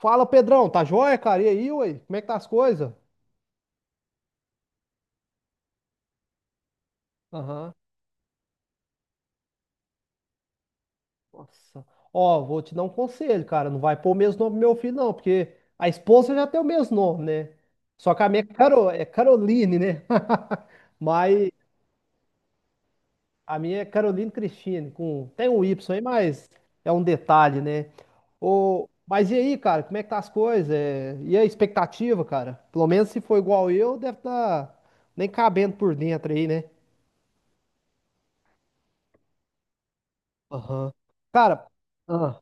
Fala, Pedrão, tá joia, cara? E aí, ué? Como é que tá as coisas? Aham. Nossa. Ó, vou te dar um conselho, cara. Não vai pôr o mesmo nome pro meu filho, não, porque a esposa já tem o mesmo nome, né? Só que a minha é, é Caroline, né? Mas a minha é Caroline Cristine, com... tem um Y aí, mas é um detalhe, né? Mas e aí, cara, como é que tá as coisas? E a expectativa, cara? Pelo menos se for igual eu, deve tá nem cabendo por dentro aí, né? Aham. Cara. Aham.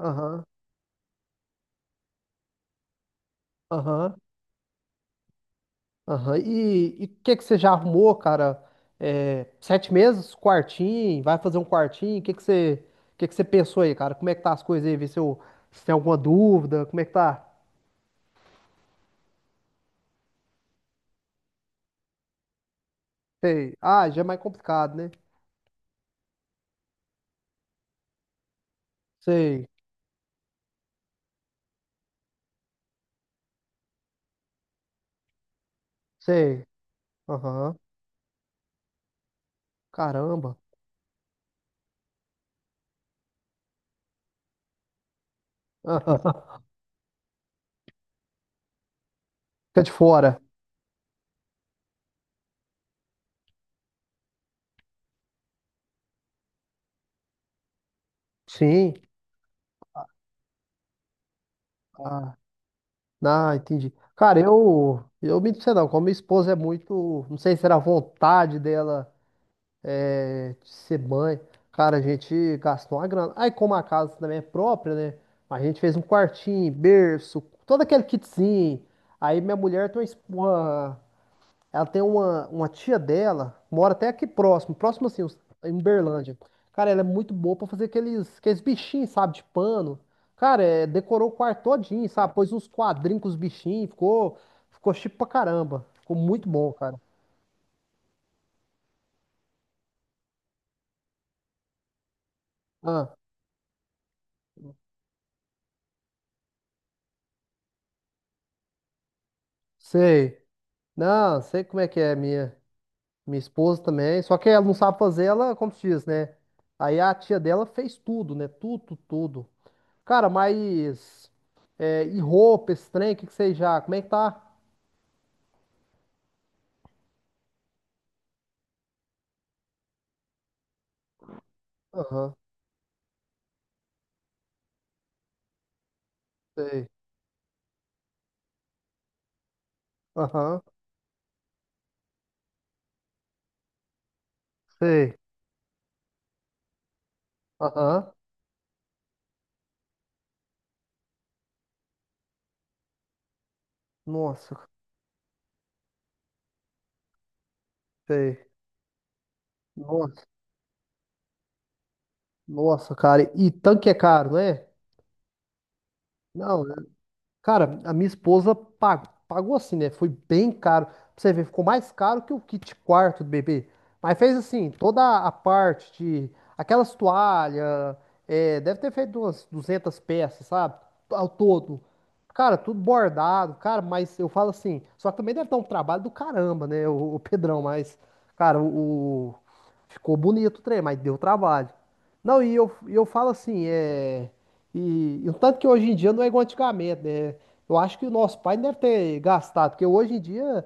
Aham, aham, aham. E o que que você já arrumou, cara? 7 meses? Quartinho? Vai fazer um quartinho? O que que você, Que você pensou aí, cara? Como é que tá as coisas aí? Vê se, se tem alguma dúvida. Como é que tá? Sei. Ah, já é mais complicado, né? Sei, sei. Aham. Caramba. Aham. Fica de fora. Sim. Ah, não, entendi. Cara, eu me disse não, como minha esposa é muito, não sei se era a vontade dela. Ser mãe. Cara, a gente gastou uma grana. Aí, como a casa também é própria, né? A gente fez um quartinho, berço, todo aquele kitzinho. Aí, minha mulher tem uma, es- uma- ela tem uma tia dela, mora até aqui próximo, próximo assim, em Uberlândia. Cara, ela é muito boa pra fazer aqueles bichinhos, sabe, de pano. Cara, decorou o quarto todinho, sabe? Pôs uns quadrinhos com os bichinhos, ficou chique pra caramba. Ficou muito bom, cara. Ah, sei. Não, sei como é que é, minha. Minha esposa também. Só que ela não sabe fazer, ela, como se diz, né? Aí a tia dela fez tudo, né? Tudo, tudo. Cara, mas. E roupa, esse trem, o que que vocês já. Como é que tá? Aham, sei. Aham, sei. Aham. Nossa, sei. Nossa, nossa, cara. E tanque é caro, não é? Não, cara, a minha esposa pagou assim, né? Foi bem caro. Pra você ver, ficou mais caro que o kit quarto do bebê. Mas fez assim, toda a parte de aquelas toalhas, deve ter feito umas 200 peças, sabe? Ao todo. Cara, tudo bordado, cara, mas eu falo assim, só que também deve dar um trabalho do caramba, né? O Pedrão, mas, cara, ficou bonito o trem, mas deu trabalho. Não, e eu falo assim. E o tanto que hoje em dia não é igual antigamente, né? Eu acho que o nosso pai deve ter gastado, porque hoje em dia,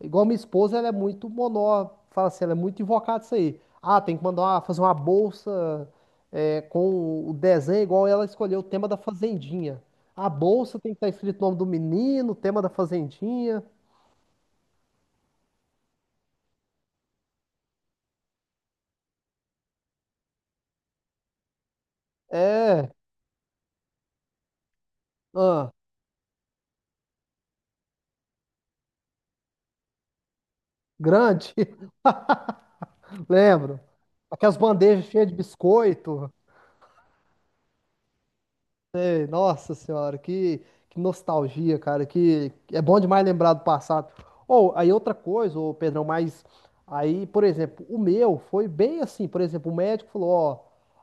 igual minha esposa, ela é muito monó, fala assim, ela é muito invocada isso aí. Ah, tem que mandar fazer uma bolsa com o desenho, igual ela escolheu o tema da Fazendinha. A bolsa tem que estar escrito o nome do menino, o tema da Fazendinha. É, ah, grande, lembro. Aquelas bandejas cheias de biscoito. Nossa senhora, que nostalgia, cara, que é bom demais lembrar do passado. Ou aí outra coisa, ô Pedrão, mas aí, por exemplo, o meu foi bem assim, por exemplo, o médico falou, ó,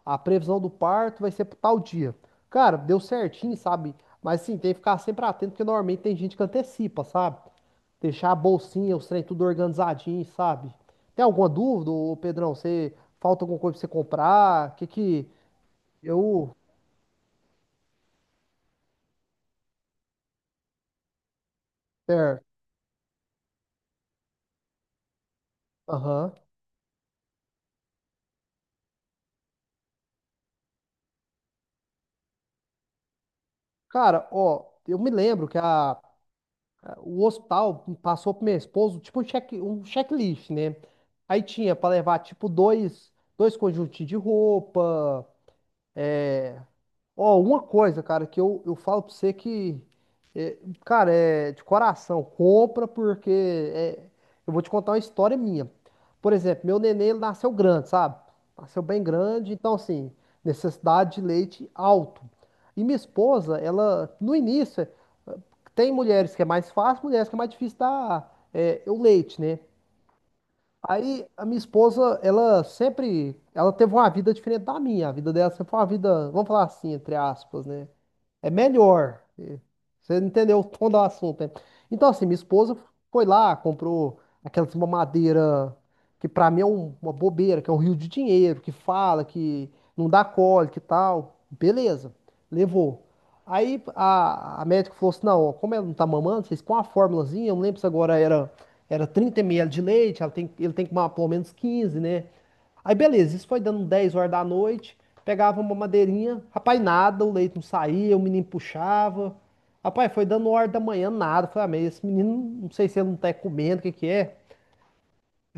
a previsão do parto vai ser pro tal dia. Cara, deu certinho, sabe? Mas sim, tem que ficar sempre atento, porque normalmente tem gente que antecipa, sabe? Deixar a bolsinha, os trem tudo organizadinho, sabe? Tem alguma dúvida, ô Pedrão? Você falta alguma coisa pra você comprar? Que eu, certo? Aham. Cara, ó, eu me lembro que o hospital passou pro meu esposo, tipo, um checklist, né? Aí tinha pra levar, tipo, dois conjuntos de roupa, é, ó, uma coisa, cara, que eu falo pra você que, é, cara, é de coração, compra porque é, eu vou te contar uma história minha. Por exemplo, meu neném, ele nasceu grande, sabe? Nasceu bem grande, então, assim, necessidade de leite alto. E minha esposa, ela, no início, tem mulheres que é mais fácil, mulheres que é mais difícil dar o leite, né? Aí a minha esposa, ela teve uma vida diferente da minha. A vida dela sempre foi uma vida, vamos falar assim, entre aspas, né? É melhor. Você entendeu o tom do assunto, né? Então, assim, minha esposa foi lá, comprou aquelas mamadeira que pra mim é uma bobeira, que é um rio de dinheiro, que fala, que não dá cólica e tal. Beleza, levou. Aí a médica falou assim: não, ó, como ela não tá mamando, vocês põem uma formulazinha, eu não lembro se agora era 30 ml de leite, ele tem que tomar pelo menos 15, né? Aí beleza, isso foi dando um 10 horas da noite, pegava uma madeirinha, rapaz, nada, o leite não saía, o menino puxava. Rapaz, foi dando hora da manhã, nada. Falei, ah, mas esse menino, não sei se ele não tá comendo, o que que é.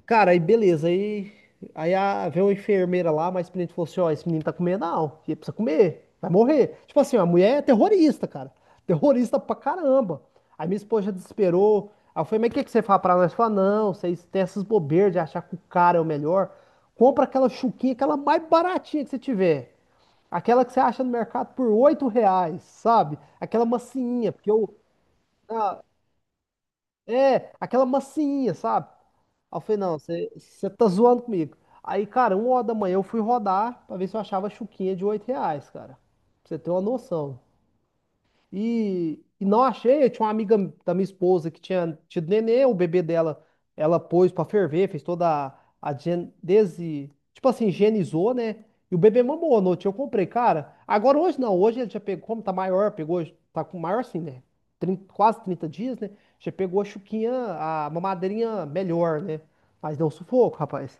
Cara, aí beleza. Veio uma enfermeira lá, mas o menino falou assim: ó, esse menino tá comendo não. Ele precisa comer, vai morrer. Tipo assim, a mulher é terrorista, cara. Terrorista pra caramba. Aí minha esposa já desesperou. Aí eu falei: mas o que, que você fala pra nós? Fala: não, vocês têm essas bobeiras de achar que o cara é o melhor. Compra aquela chuquinha, aquela mais baratinha que você tiver. Aquela que você acha no mercado por 8 reais, sabe? Aquela macinha, porque eu. ah, Aquela massinha, sabe? Aí eu falei, não, você tá zoando comigo. Aí, cara, 1 hora da manhã eu fui rodar pra ver se eu achava chuquinha de 8 reais, cara. Pra você ter uma noção. E não achei. Eu tinha uma amiga da minha esposa que tinha tido nenê, o bebê dela, ela pôs pra ferver, fez toda tipo assim, higienizou, né? E o bebê mamou à noite. Eu comprei, cara. Agora hoje não, hoje ele já pegou, como tá maior, pegou, tá com maior assim, né? 30 quase 30 dias, né? Já pegou a chuquinha, a mamadeirinha melhor, né? Mas deu um sufoco, rapaz.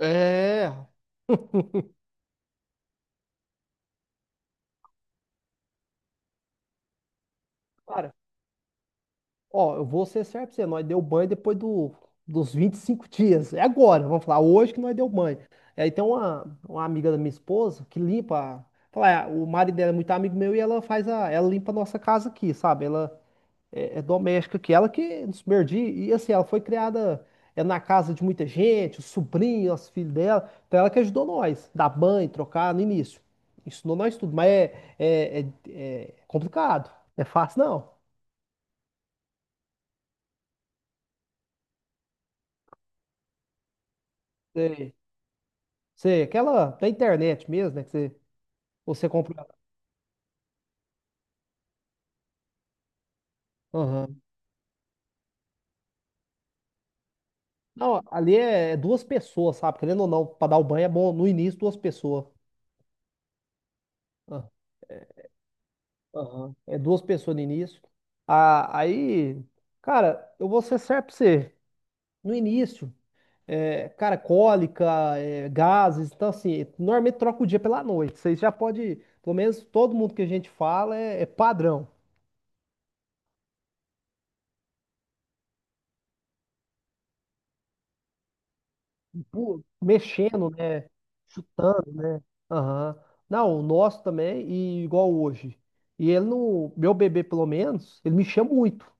É, cara. Ó, eu vou ser certo pra você, nós deu banho dos 25 dias. É agora, vamos falar, hoje que nós deu banho. E aí tem uma amiga da minha esposa que limpa. Fala, ah, o marido dela é muito amigo meu e ela faz a. Ela limpa a nossa casa aqui, sabe? Ela é doméstica aqui. Ela que nos perdi. E assim, ela foi criada na casa de muita gente, o sobrinho, os filhos dela. Então ela que ajudou nós, dar banho, trocar no início. Ensinou nós tudo, mas é complicado. Não é fácil, não. É. Sei, aquela da internet mesmo, né? Que você compra. Aham. Não, ali é duas pessoas, sabe? Querendo ou não, para dar o banho é bom no início duas pessoas. Ah, aham. É duas pessoas no início. Ah, aí, cara, eu vou ser certo pra você. No início, cara, cólica, gases, então assim, normalmente troca o dia pela noite. Vocês já pode, pelo menos todo mundo que a gente fala é padrão. Mexendo, né? Aham. Não, o nosso também, e igual hoje. E ele não. Meu bebê, pelo menos, ele me chama muito.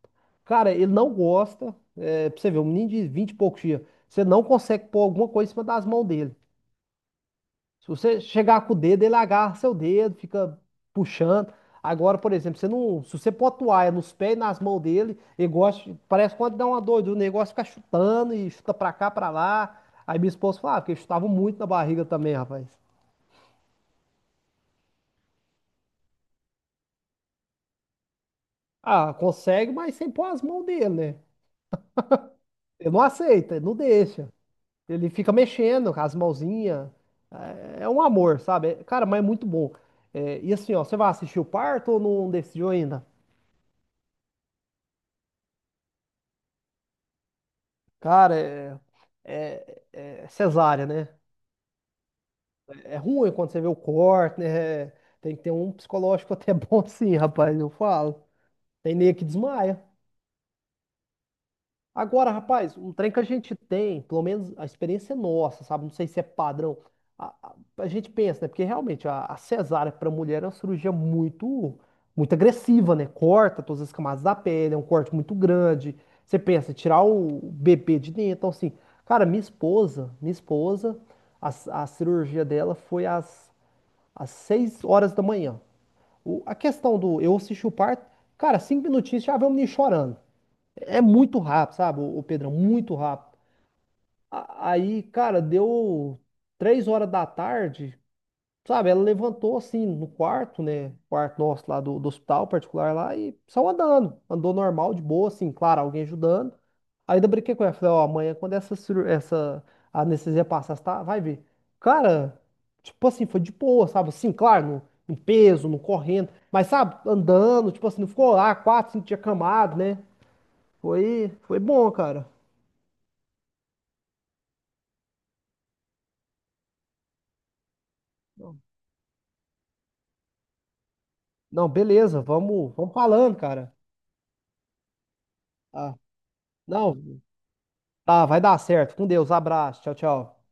Cara, ele não gosta. É, pra você ver, um menino de 20 e poucos dias. Você não consegue pôr alguma coisa em cima das mãos dele. Se você chegar com o dedo, ele agarra seu dedo, fica puxando. Agora, por exemplo, você não, se você pôr toalha nos pés e nas mãos dele, ele gosta. Parece quando dá uma doida, o negócio fica chutando e chuta pra cá, pra lá. Aí minha esposa falava que eu chutava muito na barriga também, rapaz. Ah, consegue, mas sem pôr as mãos dele, né? Ele não aceita, ele não deixa. Ele fica mexendo com as mãozinhas. É um amor, sabe? Cara, mas é muito bom. É, e assim, ó, você vai assistir o parto ou não decidiu ainda? Cara, é cesárea, né? É ruim quando você vê o corte, né? Tem que ter um psicológico até bom sim, rapaz, eu falo. Tem nego que desmaia. Agora, rapaz, um trem que a gente tem, pelo menos a experiência é nossa, sabe? Não sei se é padrão. A, a- a gente pensa, né? Porque realmente a cesárea para mulher é uma cirurgia muito, muito agressiva, né? Corta todas as camadas da pele, é um corte muito grande. Você pensa, tirar o bebê de dentro. Então, assim, cara, minha esposa, a, a cirurgia dela foi às 6 horas da manhã. A questão do eu assisti o parto, cara, 5 minutinhos já vê o menino chorando. É muito rápido, sabe, o Pedrão? Muito rápido. Aí, cara, deu 3 horas da tarde, sabe? Ela levantou assim no quarto, né? Quarto nosso lá do hospital particular lá e saiu andando. Andou normal, de boa, assim, claro, alguém ajudando. Aí, ainda brinquei com ela, falei, ó, amanhã quando essa anestesia passar, você tá? Vai ver. Cara, tipo assim, foi de boa, sabe? Assim, claro, no peso, no correndo, mas sabe, andando, tipo assim, não ficou lá 4, 5 dias camado, né? Foi bom, cara. Não, não, beleza, vamos falando, cara. Ah, não, tá, vai dar certo. Com Deus, abraço, tchau, tchau.